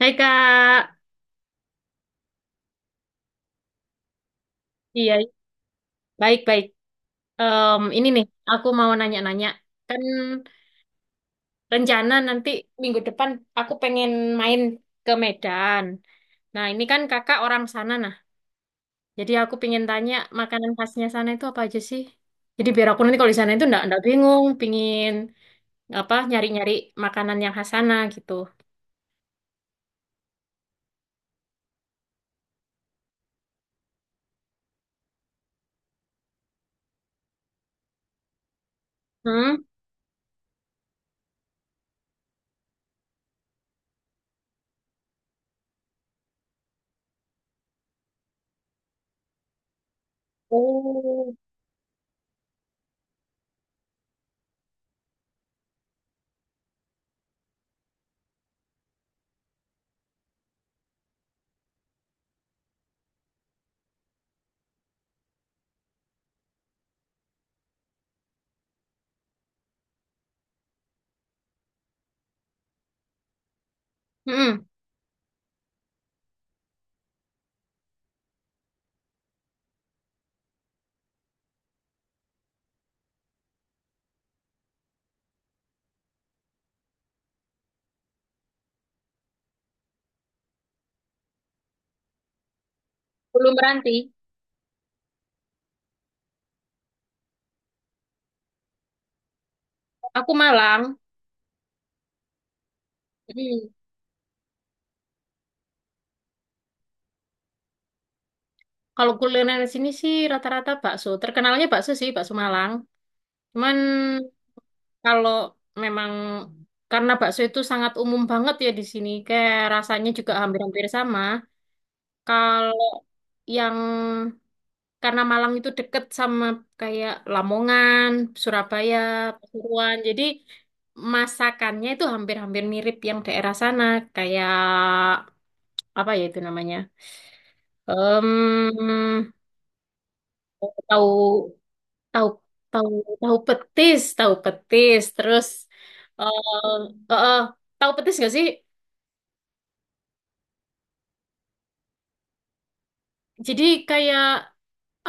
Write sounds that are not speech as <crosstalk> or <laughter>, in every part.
Hai Kak, iya baik-baik. Ini nih, aku mau nanya-nanya. Kan rencana nanti minggu depan aku pengen main ke Medan. Nah ini kan kakak orang sana nah. Jadi aku pengen tanya makanan khasnya sana itu apa aja sih? Jadi biar aku nanti kalau di sana itu enggak bingung, pingin apa nyari-nyari makanan yang khas sana gitu. Hmm? Oh. Mm-mm. Belum berhenti. Aku Malang. Hmm. Kalau kuliner di sini sih rata-rata bakso. Terkenalnya bakso sih, bakso Malang. Cuman kalau memang karena bakso itu sangat umum banget ya di sini, kayak rasanya juga hampir-hampir sama. Kalau yang karena Malang itu deket sama kayak Lamongan, Surabaya, Pasuruan, jadi masakannya itu hampir-hampir mirip yang daerah sana, kayak apa ya itu namanya? Em, Tahu tahu tahu tahu petis terus eh eh, eh, tahu petis nggak sih jadi kayak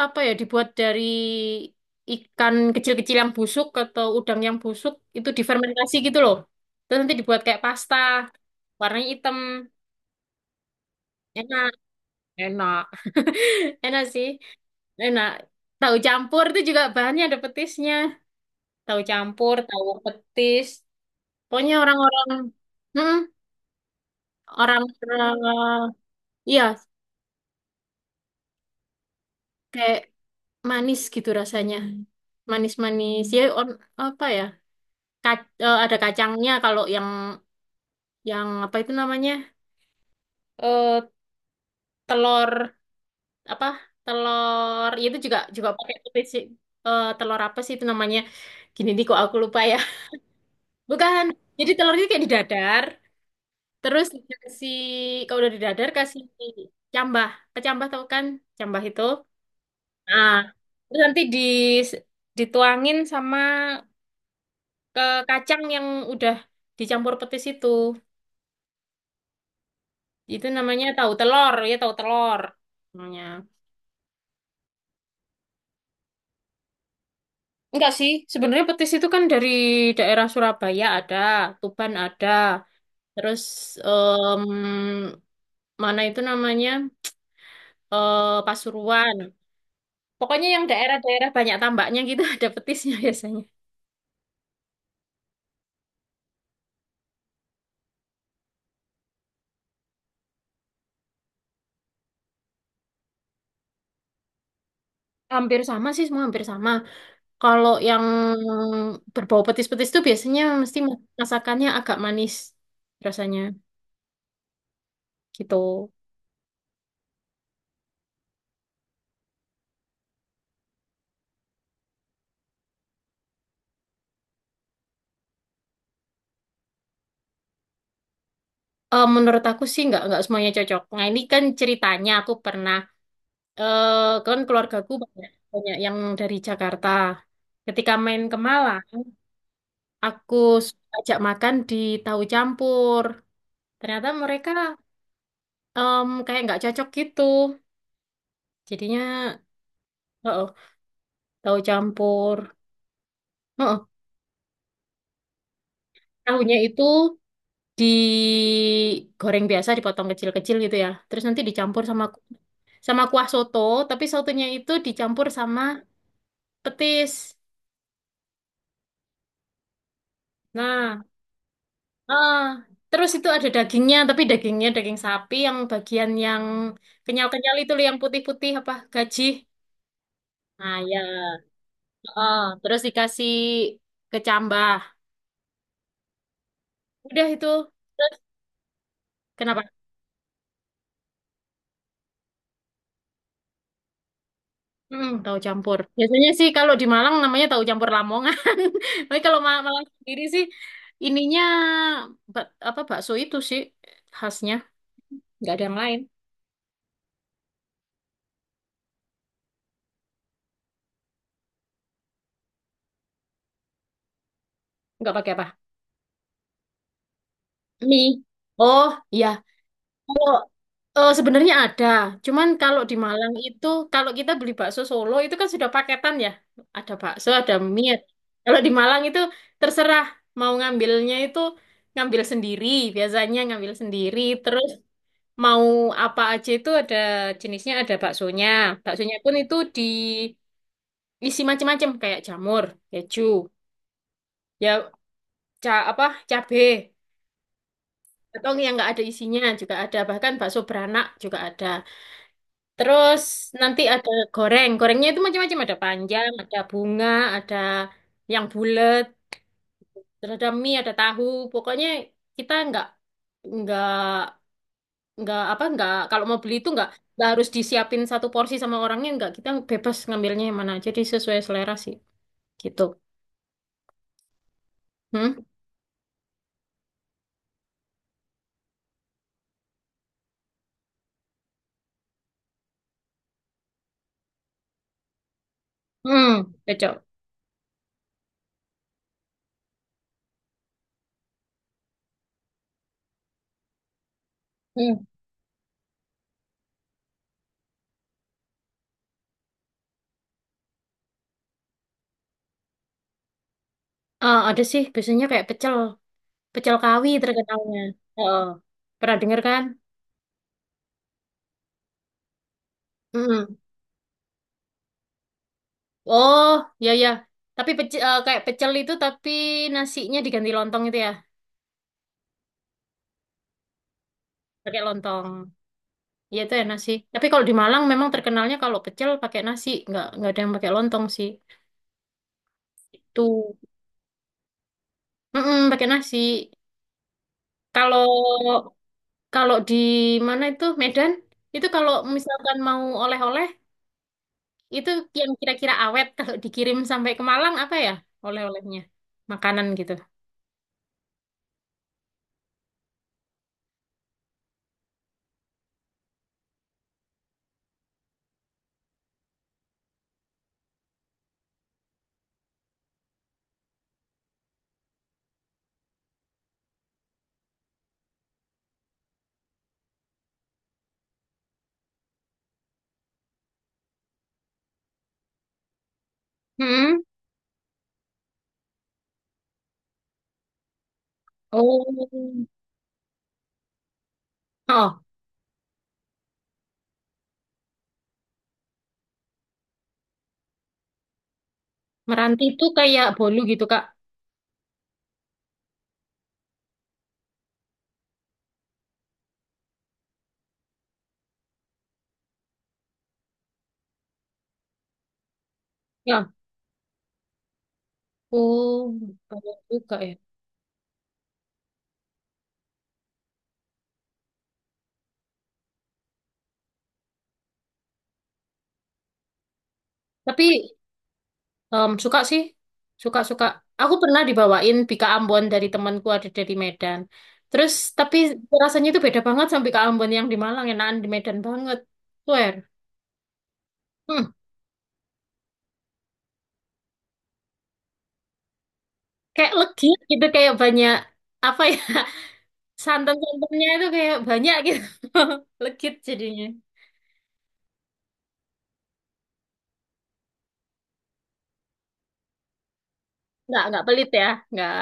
apa ya dibuat dari ikan kecil-kecil yang busuk atau udang yang busuk itu difermentasi gitu loh terus nanti dibuat kayak pasta warnanya hitam enak enak <laughs> enak sih enak tahu campur itu juga bahannya ada petisnya tahu campur tahu petis pokoknya orang-orang hmm, orang eh, Iya, kayak manis gitu rasanya. Manis-manis. Ya, on, apa ya? Ada kacangnya kalau yang apa itu namanya? Eh telur apa? Telur ya itu juga juga pakai putih sih. Eh, telur apa sih itu namanya? Gini nih kok aku lupa ya. <laughs> Bukan. Jadi telurnya kayak didadar, terus dikasih kalau udah didadar kasih cambah. Kecambah tau kan? Cambah itu. Nah, terus nanti di dituangin sama ke kacang yang udah dicampur petis itu. Itu namanya tahu telur, ya tahu telur namanya. Enggak sih, sebenarnya petis itu kan dari daerah Surabaya ada, Tuban ada, terus em, mana itu namanya eh, Pasuruan. Pokoknya yang daerah-daerah banyak tambaknya gitu <laughs> ada petisnya biasanya. Hampir sama sih, semua hampir sama. Kalau yang berbau petis-petis itu biasanya mesti masakannya agak manis rasanya gitu. Eh, menurut aku sih nggak semuanya cocok. Nah ini kan ceritanya aku pernah eh kan keluargaku banyak banyak yang dari Jakarta. Ketika main ke Malang, aku ajak makan di tahu campur. Ternyata mereka kayak nggak cocok gitu. Jadinya oh, tahu campur. Oh tahunya itu digoreng biasa, dipotong kecil-kecil gitu ya. Terus nanti dicampur sama kuah soto, tapi sotonya itu dicampur sama petis. Nah, ah, terus itu ada dagingnya, tapi dagingnya daging sapi yang bagian yang kenyal-kenyal itu loh, yang putih-putih apa gaji. Nah, ya. Oh, terus dikasih kecambah. Udah itu. Terus kenapa? Hmm, tahu campur. Biasanya sih kalau di Malang namanya tahu campur Lamongan. <laughs> Tapi kalau Malang sendiri sih ininya bak- apa bakso itu sih khasnya, nggak ada yang lain. Nggak pakai apa? Mie. Oh, iya. Eh, sebenarnya ada, cuman kalau di Malang itu, kalau kita beli bakso Solo itu kan sudah paketan ya, ada bakso, ada mie. Kalau di Malang itu terserah mau ngambilnya itu ngambil sendiri, biasanya ngambil sendiri. Terus mau apa aja itu ada jenisnya, ada baksonya. Baksonya pun itu diisi macam-macam kayak jamur, keju, ya ca apa cabe atau yang nggak ada isinya juga ada, bahkan bakso beranak juga ada. Terus nanti ada goreng. Gorengnya itu macam-macam. Ada panjang, ada bunga, ada yang bulat, terus ada mie, ada tahu. Pokoknya kita nggak nggak apa nggak kalau mau beli itu nggak harus disiapin satu porsi sama orangnya nggak kita bebas ngambilnya yang mana. Jadi sesuai selera sih gitu. Hmm, hmm, pecel. Hmm. Ah, ada sih biasanya kayak pecel pecel kawi terkenalnya. Oh, pernah dengar kan? Hmm. Oh, ya ya. Tapi pecel, kayak pecel itu tapi nasinya diganti lontong itu ya. Pakai lontong. Iya itu enak sih. Tapi kalau di Malang memang terkenalnya kalau pecel pakai nasi, nggak ada yang pakai lontong sih. Itu, pakai nasi. Kalau kalau di mana itu Medan, itu kalau misalkan mau oleh-oleh, itu yang kira-kira awet kalau dikirim sampai ke Malang apa ya oleh-olehnya? Makanan gitu. Mm-mm. Oh. Oh, meranti itu kayak bolu gitu, Kak. Ya. Oh, banyak juga ya. Tapi suka sih, suka-suka. Aku pernah dibawain bika Ambon dari temanku ada dari Medan. Terus tapi rasanya itu beda banget sama bika Ambon yang di Malang, enakan di Medan banget. Swear. Hmm, kayak legi gitu, kayak banyak apa ya <laughs> santan-santannya itu kayak banyak gitu. <laughs> Legit jadinya. Nggak pelit ya, nggak.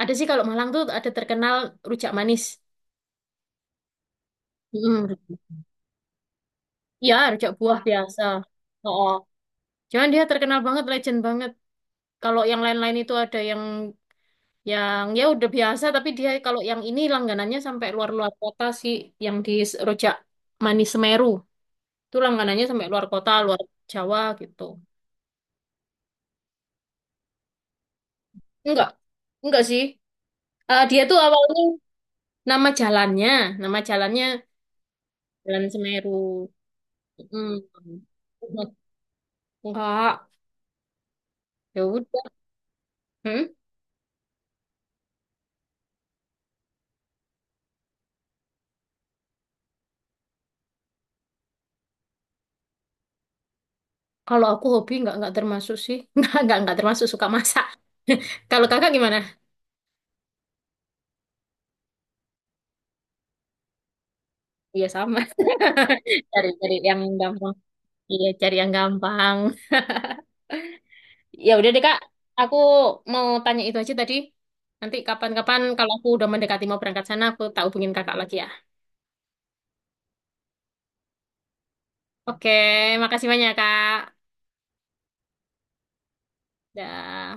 Ada sih kalau Malang tuh ada terkenal rujak manis. Hmm. Ya, rujak buah biasa. Oh, cuman dia terkenal banget, legend banget. Kalau yang lain-lain itu ada yang ya udah biasa, tapi dia kalau yang ini langganannya sampai luar-luar kota sih, yang di Rojak Manis Semeru. Itu langganannya sampai luar kota, luar Jawa gitu. Enggak, enggak sih. Eh, dia tuh awalnya nama jalannya, nama jalannya Jalan Semeru. Hmm. Enggak, ya udah. Hmm? Kalau aku hobi enggak termasuk sih. <laughs> Enggak termasuk suka masak. <laughs> Kalau kakak gimana? Iya sama. <laughs> Cari cari yang gampang. Iya, cari yang gampang. Ya udah deh Kak, aku mau tanya itu aja tadi. Nanti kapan-kapan kalau aku udah mendekati mau berangkat sana, aku tak hubungin Kakak lagi ya. Oke, makasih banyak Kak. Dah.